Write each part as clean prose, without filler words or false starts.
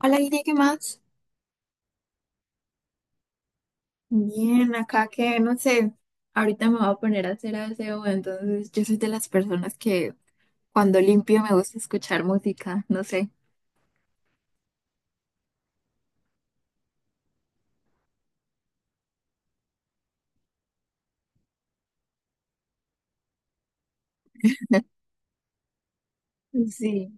Hola, Ine, ¿qué más? Bien, acá que no sé, ahorita me voy a poner a hacer aseo, entonces yo soy de las personas que cuando limpio me gusta escuchar música, no sé. Sí.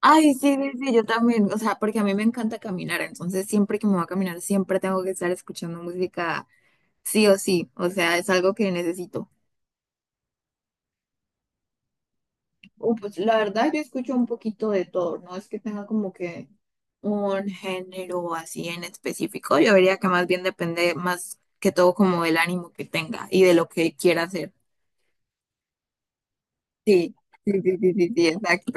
Ay, sí, sí, sí, yo también, o sea, porque a mí me encanta caminar, entonces siempre que me voy a caminar siempre tengo que estar escuchando música, sí o sí, o sea, es algo que necesito. Pues la verdad yo escucho un poquito de todo, no es que tenga como que un género así en específico, yo diría que más bien depende más que todo como del ánimo que tenga y de lo que quiera hacer. Sí, sí, sí, sí, sí, sí, exacto.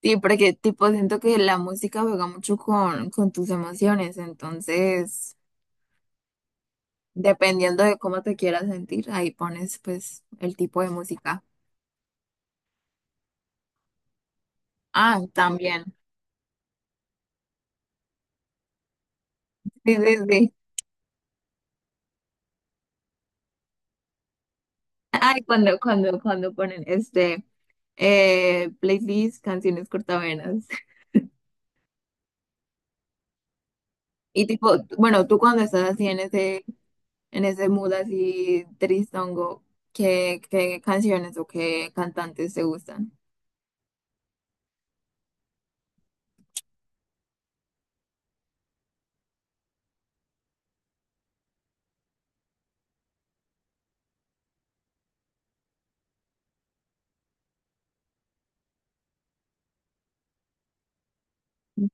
Sí, porque tipo siento que la música juega mucho con tus emociones, entonces dependiendo de cómo te quieras sentir, ahí pones pues el tipo de música. Ah, también. Sí, sí, sí. Ay, cuando ponen playlist, canciones cortavenas. Y tipo, bueno, tú cuando estás así en ese mood así tristongo, ¿qué canciones o qué cantantes te gustan?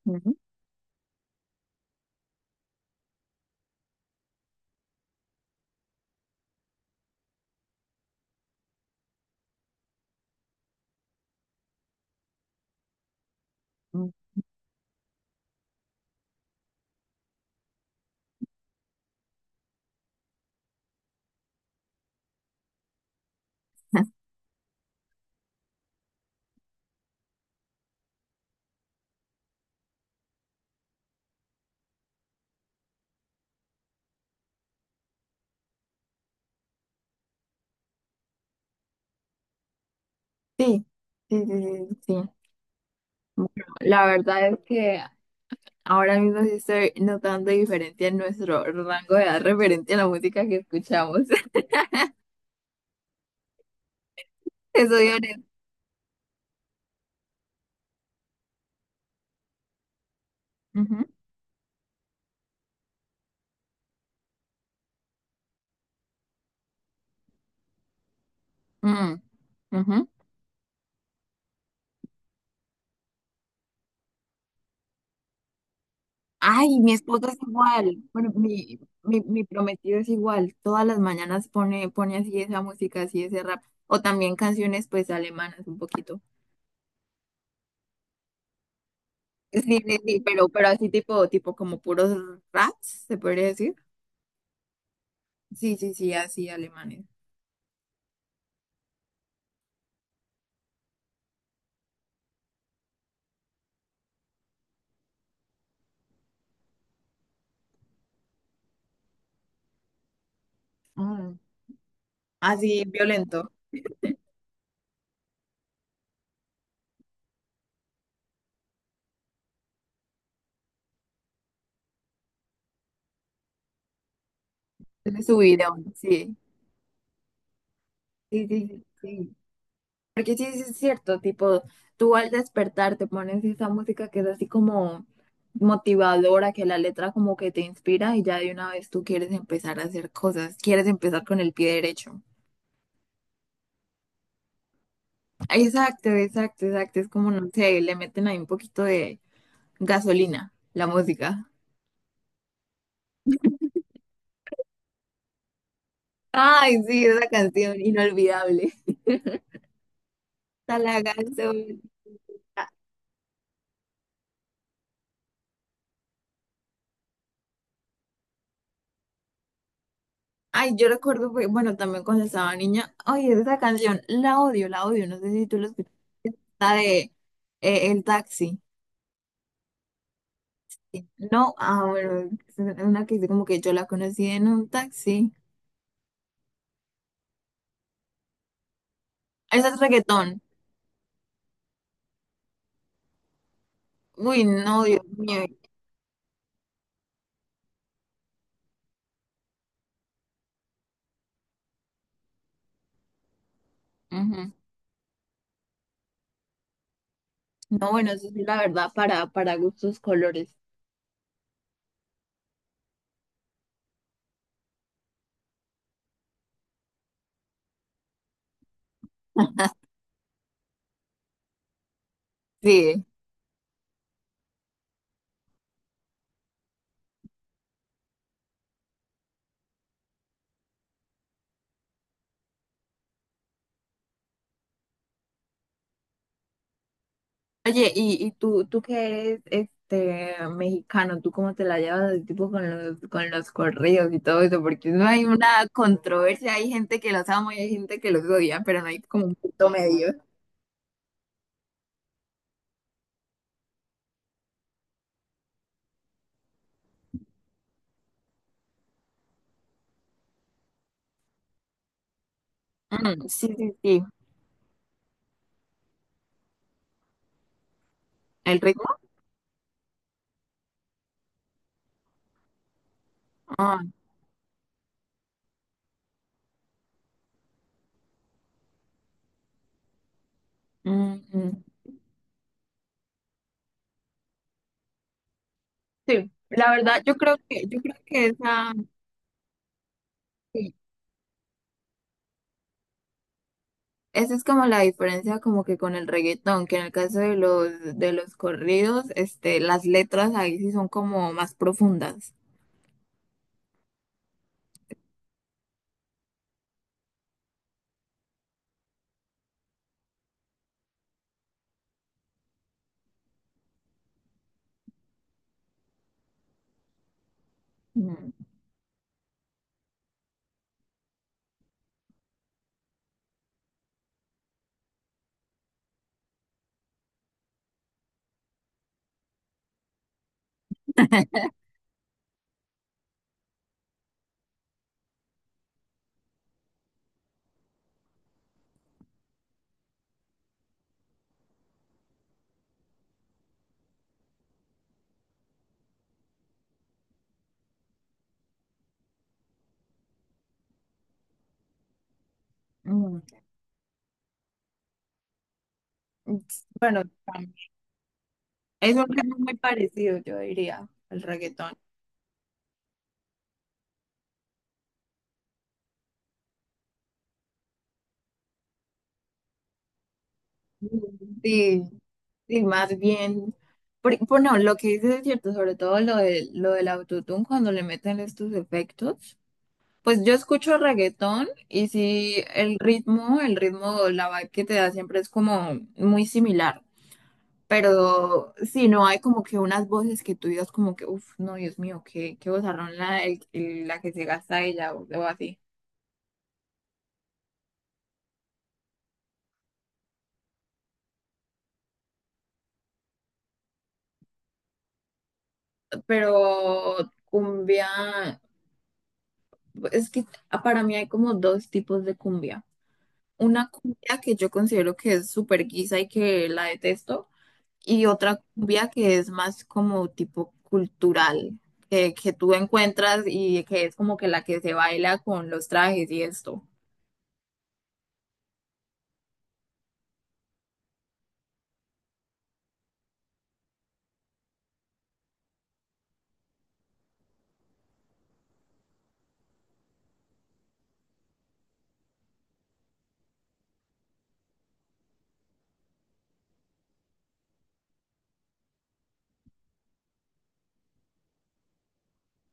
Ujú. Mm. Sí, sí, sí, sí, sí. Bueno, la verdad es que ahora mismo sí estoy notando diferencia en nuestro rango de edad referente a la música que escuchamos. Eso de... Ay, mi esposo es igual. Bueno, mi prometido es igual. Todas las mañanas pone así esa música, así ese rap. O también canciones pues alemanas un poquito. Sí, sí, sí, pero así tipo como puros raps, ¿se podría decir? Sí, sí, sí, así alemanes. Mm. Así violento. De su video, sí. Sí, sí, sí, sí. Porque sí, sí es cierto, tipo, tú al despertar te pones esa música que es así como motivadora, que la letra como que te inspira y ya de una vez tú quieres empezar a hacer cosas, quieres empezar con el pie derecho. Exacto, exacto, exacto, es como, no sé, le meten ahí un poquito de gasolina, la música. Ay, sí, esa canción inolvidable. Está la gasolina. Ay, yo recuerdo, fue- bueno, también cuando estaba niña, ay, esa canción, la odio, no sé si tú la escuchaste. La de el taxi. No, ah, bueno, es una que dice como que yo la conocí en un taxi. Esa es reggaetón. Uy, no, Dios mío. Ujú. No, bueno, eso sí, la verdad, para gustos colores. Sí. Oye, y tú que eres este mexicano? ¿Tú cómo te la llevas así, tipo con los corridos y todo eso? Porque no hay una controversia, hay gente que los ama y hay gente que los odia, pero no hay como un punto medio. Mm, sí, sí, sí. ¿El ritmo? Ah. Ujú. Sí, la verdad, yo creo que esa, sí, esa es como la diferencia como que con el reggaetón, que en el caso de los corridos, este, las letras ahí sí son como más profundas. Mm. Mm. Bueno, también es un ritmo muy parecido, yo diría, al reggaetón. Sí, sí, más bien. Por- bueno, lo que dices es cierto, sobre todo lo de, lo del autotune, cuando le meten estos efectos. Pues yo escucho reggaetón y sí, el ritmo, la vibe que te da siempre es como muy similar, pero sí, no hay como que unas voces que tú digas como que, uff, no, Dios mío, qué, qué vozarrón la, el- la que se gasta ella o así. Pero cumbia, es que para mí hay como dos tipos de cumbia. Una cumbia que yo considero que es súper guisa y que la detesto. Y otra cumbia que es más como tipo cultural, que tú encuentras y que es como que la que se baila con los trajes y esto.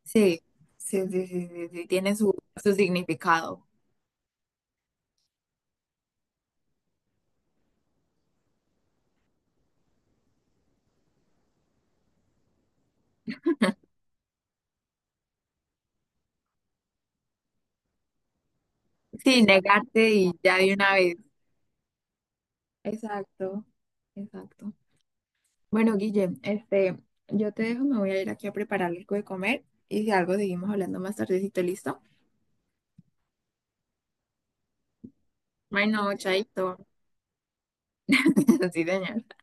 Sí, sí, sí, sí, sí, sí, tiene su, su significado. Sí, negarte y ya de una vez. Exacto, exacto. Bueno, Guille, este, yo te dejo, me voy a ir aquí a preparar algo de comer y si algo seguimos hablando más tardecito, ¿listo? Bueno, chaito. Sí, señor.